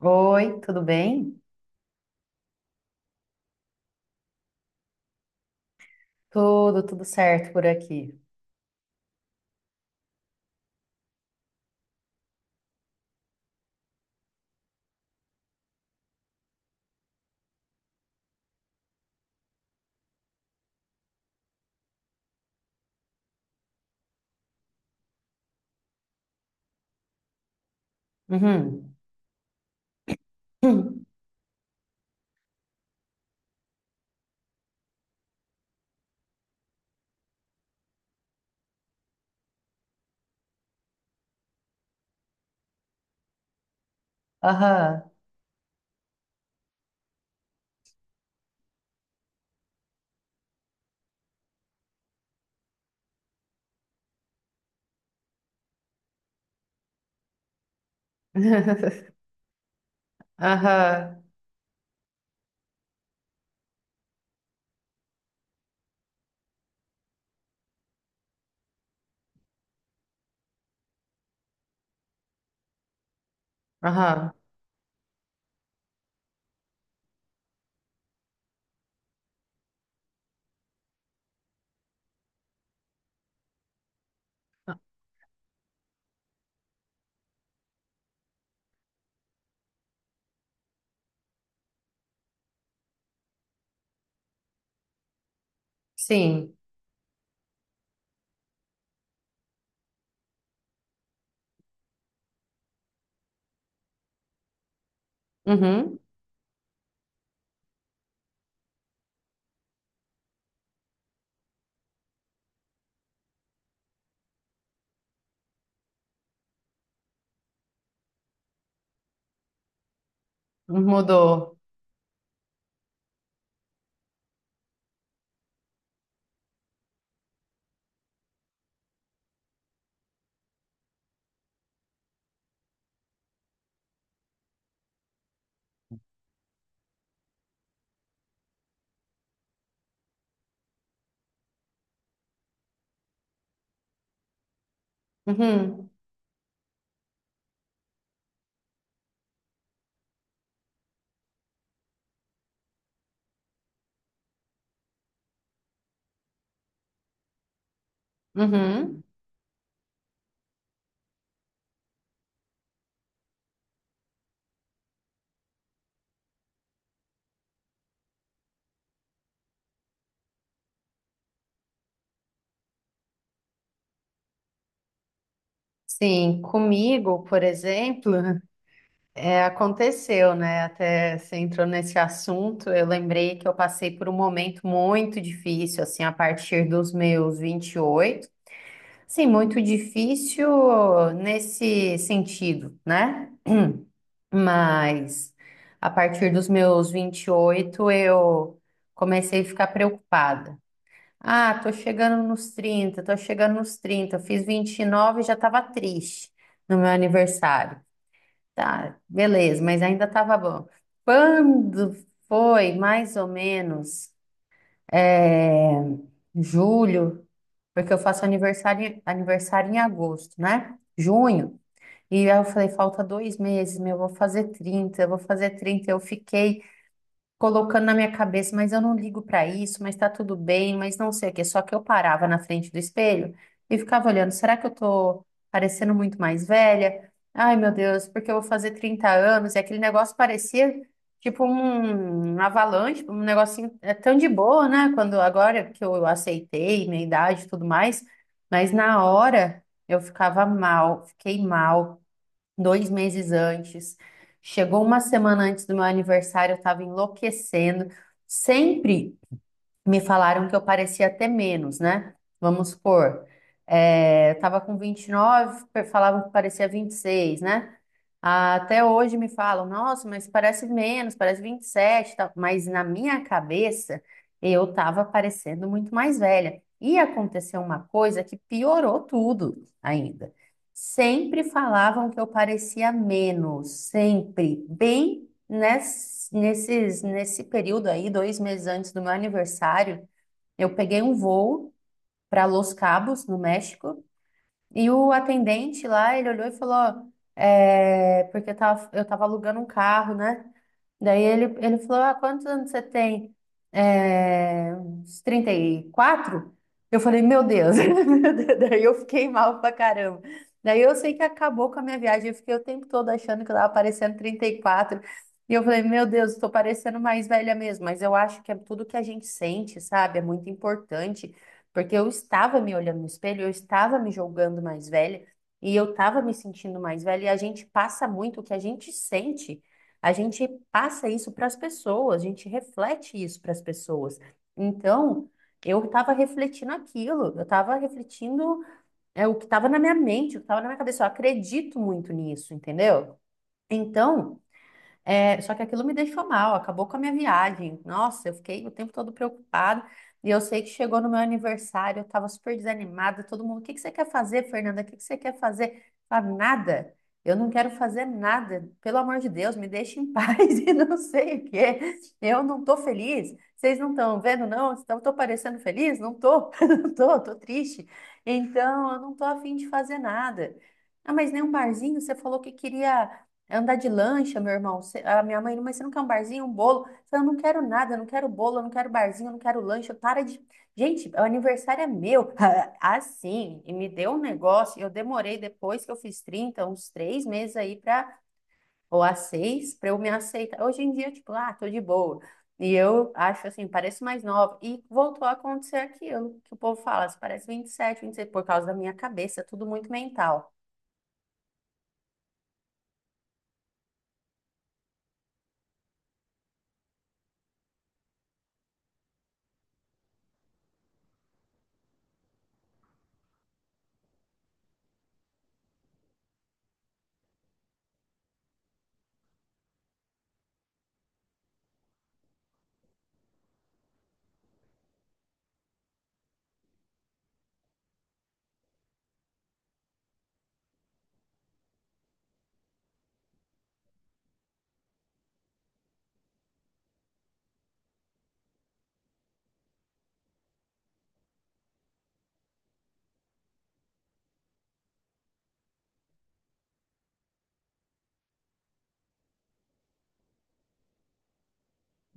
Oi, tudo bem? Tudo, tudo certo por aqui. Uhum. Hum. Aham. Aham. Aham. Sim. Uhum. Mudou. Uhum. Uhum. Sim, comigo, por exemplo, aconteceu, né? Até você entrou nesse assunto, eu lembrei que eu passei por um momento muito difícil, assim, a partir dos meus 28. Sim, muito difícil nesse sentido, né? Mas a partir dos meus 28 eu comecei a ficar preocupada. Ah, tô chegando nos 30, tô chegando nos 30. Eu fiz 29 e já tava triste no meu aniversário. Tá, beleza, mas ainda tava bom. Quando foi mais ou menos é, julho porque eu faço aniversário em agosto, né? Junho. E aí eu falei, falta 2 meses, meu, eu vou fazer 30, eu vou fazer trinta, eu fiquei colocando na minha cabeça, mas eu não ligo para isso, mas tá tudo bem, mas não sei o quê. Só que eu parava na frente do espelho e ficava olhando, será que eu tô parecendo muito mais velha? Ai, meu Deus, porque eu vou fazer 30 anos e aquele negócio parecia tipo um avalanche, um negocinho é tão de boa, né? Quando agora que eu aceitei minha idade e tudo mais, mas na hora eu ficava mal, fiquei mal 2 meses antes. Chegou uma semana antes do meu aniversário, eu estava enlouquecendo. Sempre me falaram que eu parecia até menos, né? Vamos supor, eu tava com 29, falavam que parecia 26, né? Ah, até hoje me falam, nossa, mas parece menos, parece 27, e tal. Mas na minha cabeça eu tava parecendo muito mais velha. E aconteceu uma coisa que piorou tudo ainda. Sempre falavam que eu parecia menos, sempre, bem. Nesse período aí, dois meses antes do meu aniversário, eu peguei um voo para Los Cabos, no México, e o atendente lá, ele olhou e falou, ó, porque eu tava alugando um carro, né? Daí ele falou, ah, quantos anos você tem? Uns 34? Eu falei, meu Deus. Daí eu fiquei mal pra caramba. Daí eu sei que acabou com a minha viagem. Eu fiquei o tempo todo achando que eu tava parecendo 34. E quatro. E eu falei, meu Deus, tô parecendo mais velha mesmo. Mas eu acho que é tudo que a gente sente, sabe? É muito importante. Porque eu estava me olhando no espelho, eu estava me julgando mais velha e eu estava me sentindo mais velha. E a gente passa muito o que a gente sente, a gente passa isso para as pessoas, a gente reflete isso para as pessoas. Então, eu estava refletindo aquilo, eu estava refletindo o que estava na minha mente, o que estava na minha cabeça. Eu acredito muito nisso, entendeu? Então. Só que aquilo me deixou mal, acabou com a minha viagem. Nossa, eu fiquei o tempo todo preocupada. E eu sei que chegou no meu aniversário, eu estava super desanimada. Todo mundo, o que que você quer fazer, Fernanda? O que que você quer fazer? Eu falava, nada. Eu não quero fazer nada. Pelo amor de Deus, me deixe em paz e não sei o quê. Eu não tô feliz. Vocês não estão vendo, não? Eu tô parecendo feliz? Não tô, não tô, tô triste. Então, eu não tô afim de fazer nada. Ah, mas nem um barzinho, você falou que queria. É andar de lancha, meu irmão. A minha mãe, mas você não quer um barzinho, um bolo? Eu falei, eu não quero nada, eu não quero bolo, eu não quero barzinho, eu não quero lancha. Para de. Gente, o aniversário é meu. Assim, e me deu um negócio. Eu demorei depois que eu fiz 30 uns 3 meses aí para, ou a seis, para eu me aceitar. Hoje em dia, tipo, ah, tô de boa. E eu acho assim, pareço mais nova. E voltou a acontecer aquilo que o povo fala, você parece 27, vinte e 26, por causa da minha cabeça, tudo muito mental.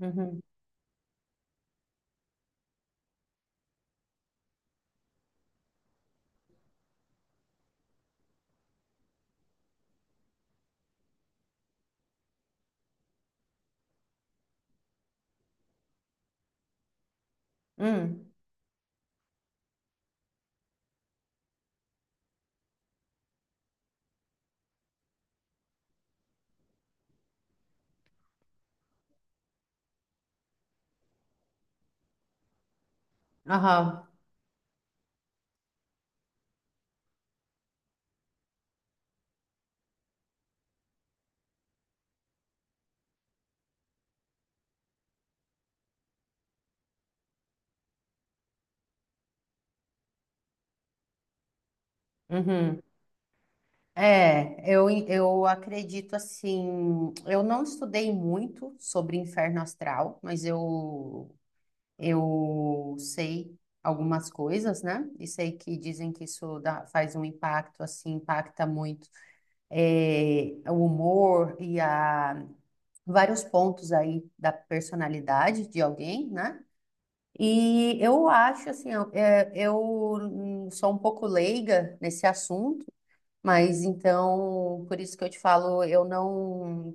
Uhum. Hum. Aham. Uhum. Eu acredito assim. Eu não estudei muito sobre inferno astral, mas eu sei algumas coisas, né? E sei que dizem que isso faz um impacto, assim, impacta muito o humor vários pontos aí da personalidade de alguém, né? E eu acho assim, eu sou um pouco leiga nesse assunto. Mas então, por isso que eu te falo,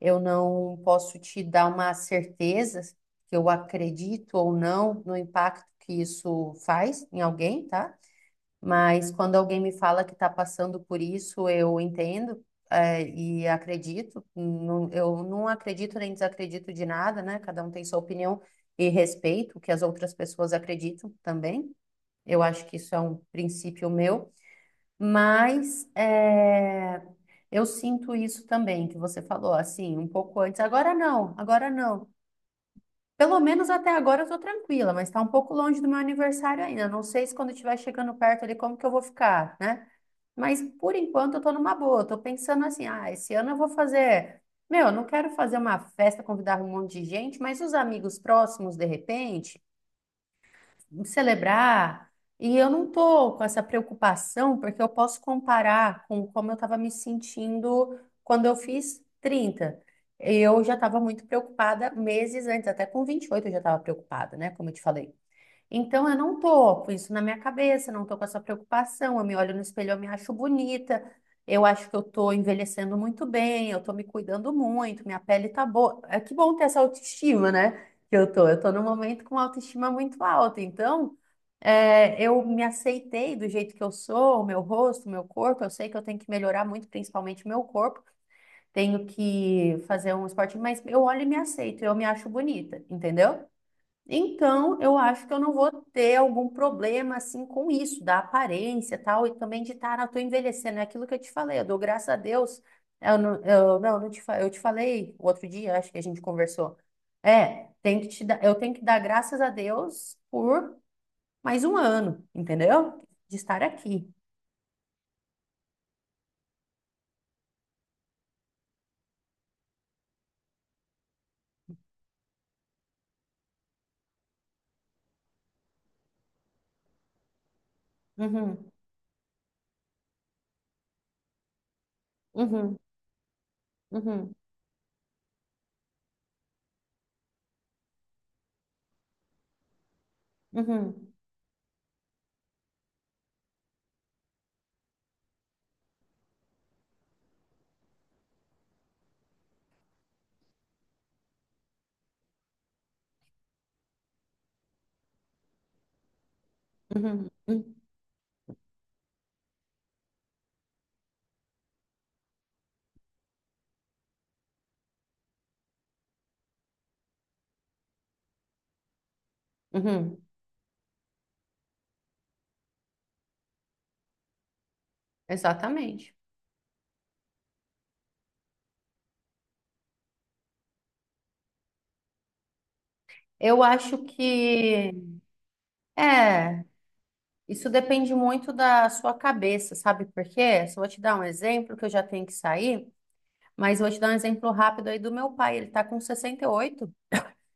eu não posso te dar uma certeza que eu acredito ou não no impacto que isso faz em alguém, tá? Mas quando alguém me fala que está passando por isso, eu entendo, e acredito. Eu não acredito nem desacredito de nada, né? Cada um tem sua opinião e respeito o que as outras pessoas acreditam também. Eu acho que isso é um princípio meu. Mas eu sinto isso também, que você falou, assim, um pouco antes. Agora não, agora não. Pelo menos até agora eu tô tranquila, mas tá um pouco longe do meu aniversário ainda. Não sei se quando estiver chegando perto ali como que eu vou ficar, né? Mas por enquanto eu tô numa boa. Eu tô pensando assim, ah, esse ano eu vou fazer. Meu, eu não quero fazer uma festa, convidar um monte de gente, mas os amigos próximos, de repente em celebrar. E eu não tô com essa preocupação, porque eu posso comparar com como eu estava me sentindo quando eu fiz trinta. Eu já estava muito preocupada meses antes, até com 28 eu já estava preocupada, né? Como eu te falei. Então, eu não tô com isso na minha cabeça, não tô com essa preocupação. Eu me olho no espelho, eu me acho bonita, eu acho que eu tô envelhecendo muito bem, eu tô me cuidando muito, minha pele tá boa. É que bom ter essa autoestima, né? Que eu tô. Eu tô num momento com uma autoestima muito alta. Então, eu me aceitei do jeito que eu sou, o meu rosto, o meu corpo. Eu sei que eu tenho que melhorar muito, principalmente o meu corpo. Tenho que fazer um esporte, mas eu olho e me aceito, eu me acho bonita, entendeu? Então, eu acho que eu não vou ter algum problema assim com isso, da aparência e tal, e também de estar, eu tô envelhecendo, é aquilo que eu te falei, eu dou graças a Deus, é, eu, não, não te, fa- eu te falei o outro dia, acho que a gente conversou, é, tem que te dar, eu tenho que dar graças a Deus por mais um ano, entendeu? De estar aqui. Uhum, uhum, uhum, uhum, uhum, uhum, uhum. Exatamente. Eu acho que é. Isso depende muito da sua cabeça, sabe por quê? Só vou te dar um exemplo, que eu já tenho que sair, mas vou te dar um exemplo rápido aí do meu pai. Ele tá com 68.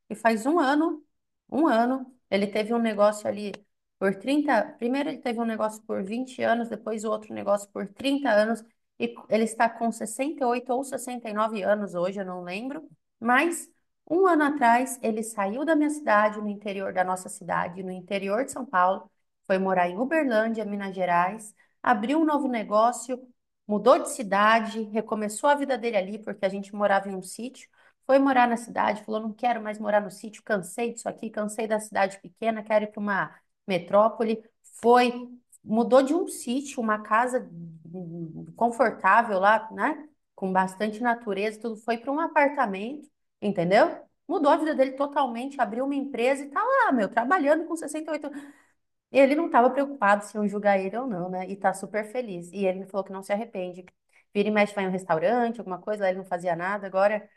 E faz um ano, ele teve um negócio ali por 30. Primeiro ele teve um negócio por 20 anos, depois o outro negócio por 30 anos, e ele está com 68 ou 69 anos hoje, eu não lembro, mas um ano atrás ele saiu da minha cidade, no interior da nossa cidade, no interior de São Paulo, foi morar em Uberlândia, Minas Gerais, abriu um novo negócio, mudou de cidade, recomeçou a vida dele ali, porque a gente morava em um sítio, foi morar na cidade, falou: não quero mais morar no sítio, cansei disso aqui, cansei da cidade pequena, quero ir para uma metrópole. Foi, mudou de um sítio, uma casa confortável lá, né? Com bastante natureza, tudo. Foi para um apartamento, entendeu? Mudou a vida dele totalmente, abriu uma empresa e tá lá, meu, trabalhando com 68 anos. Ele não estava preocupado se iam julgar ele ou não, né? E tá super feliz. E ele me falou que não se arrepende. Vira e mexe, vai em um restaurante, alguma coisa, lá ele não fazia nada, agora.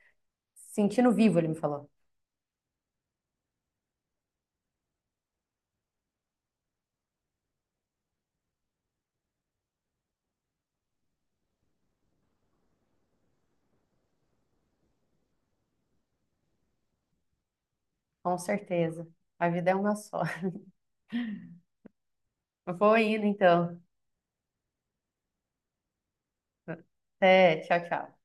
Sentindo vivo, ele me falou. Com certeza. A vida é uma só. Vou indo, então. Até, tchau, tchau.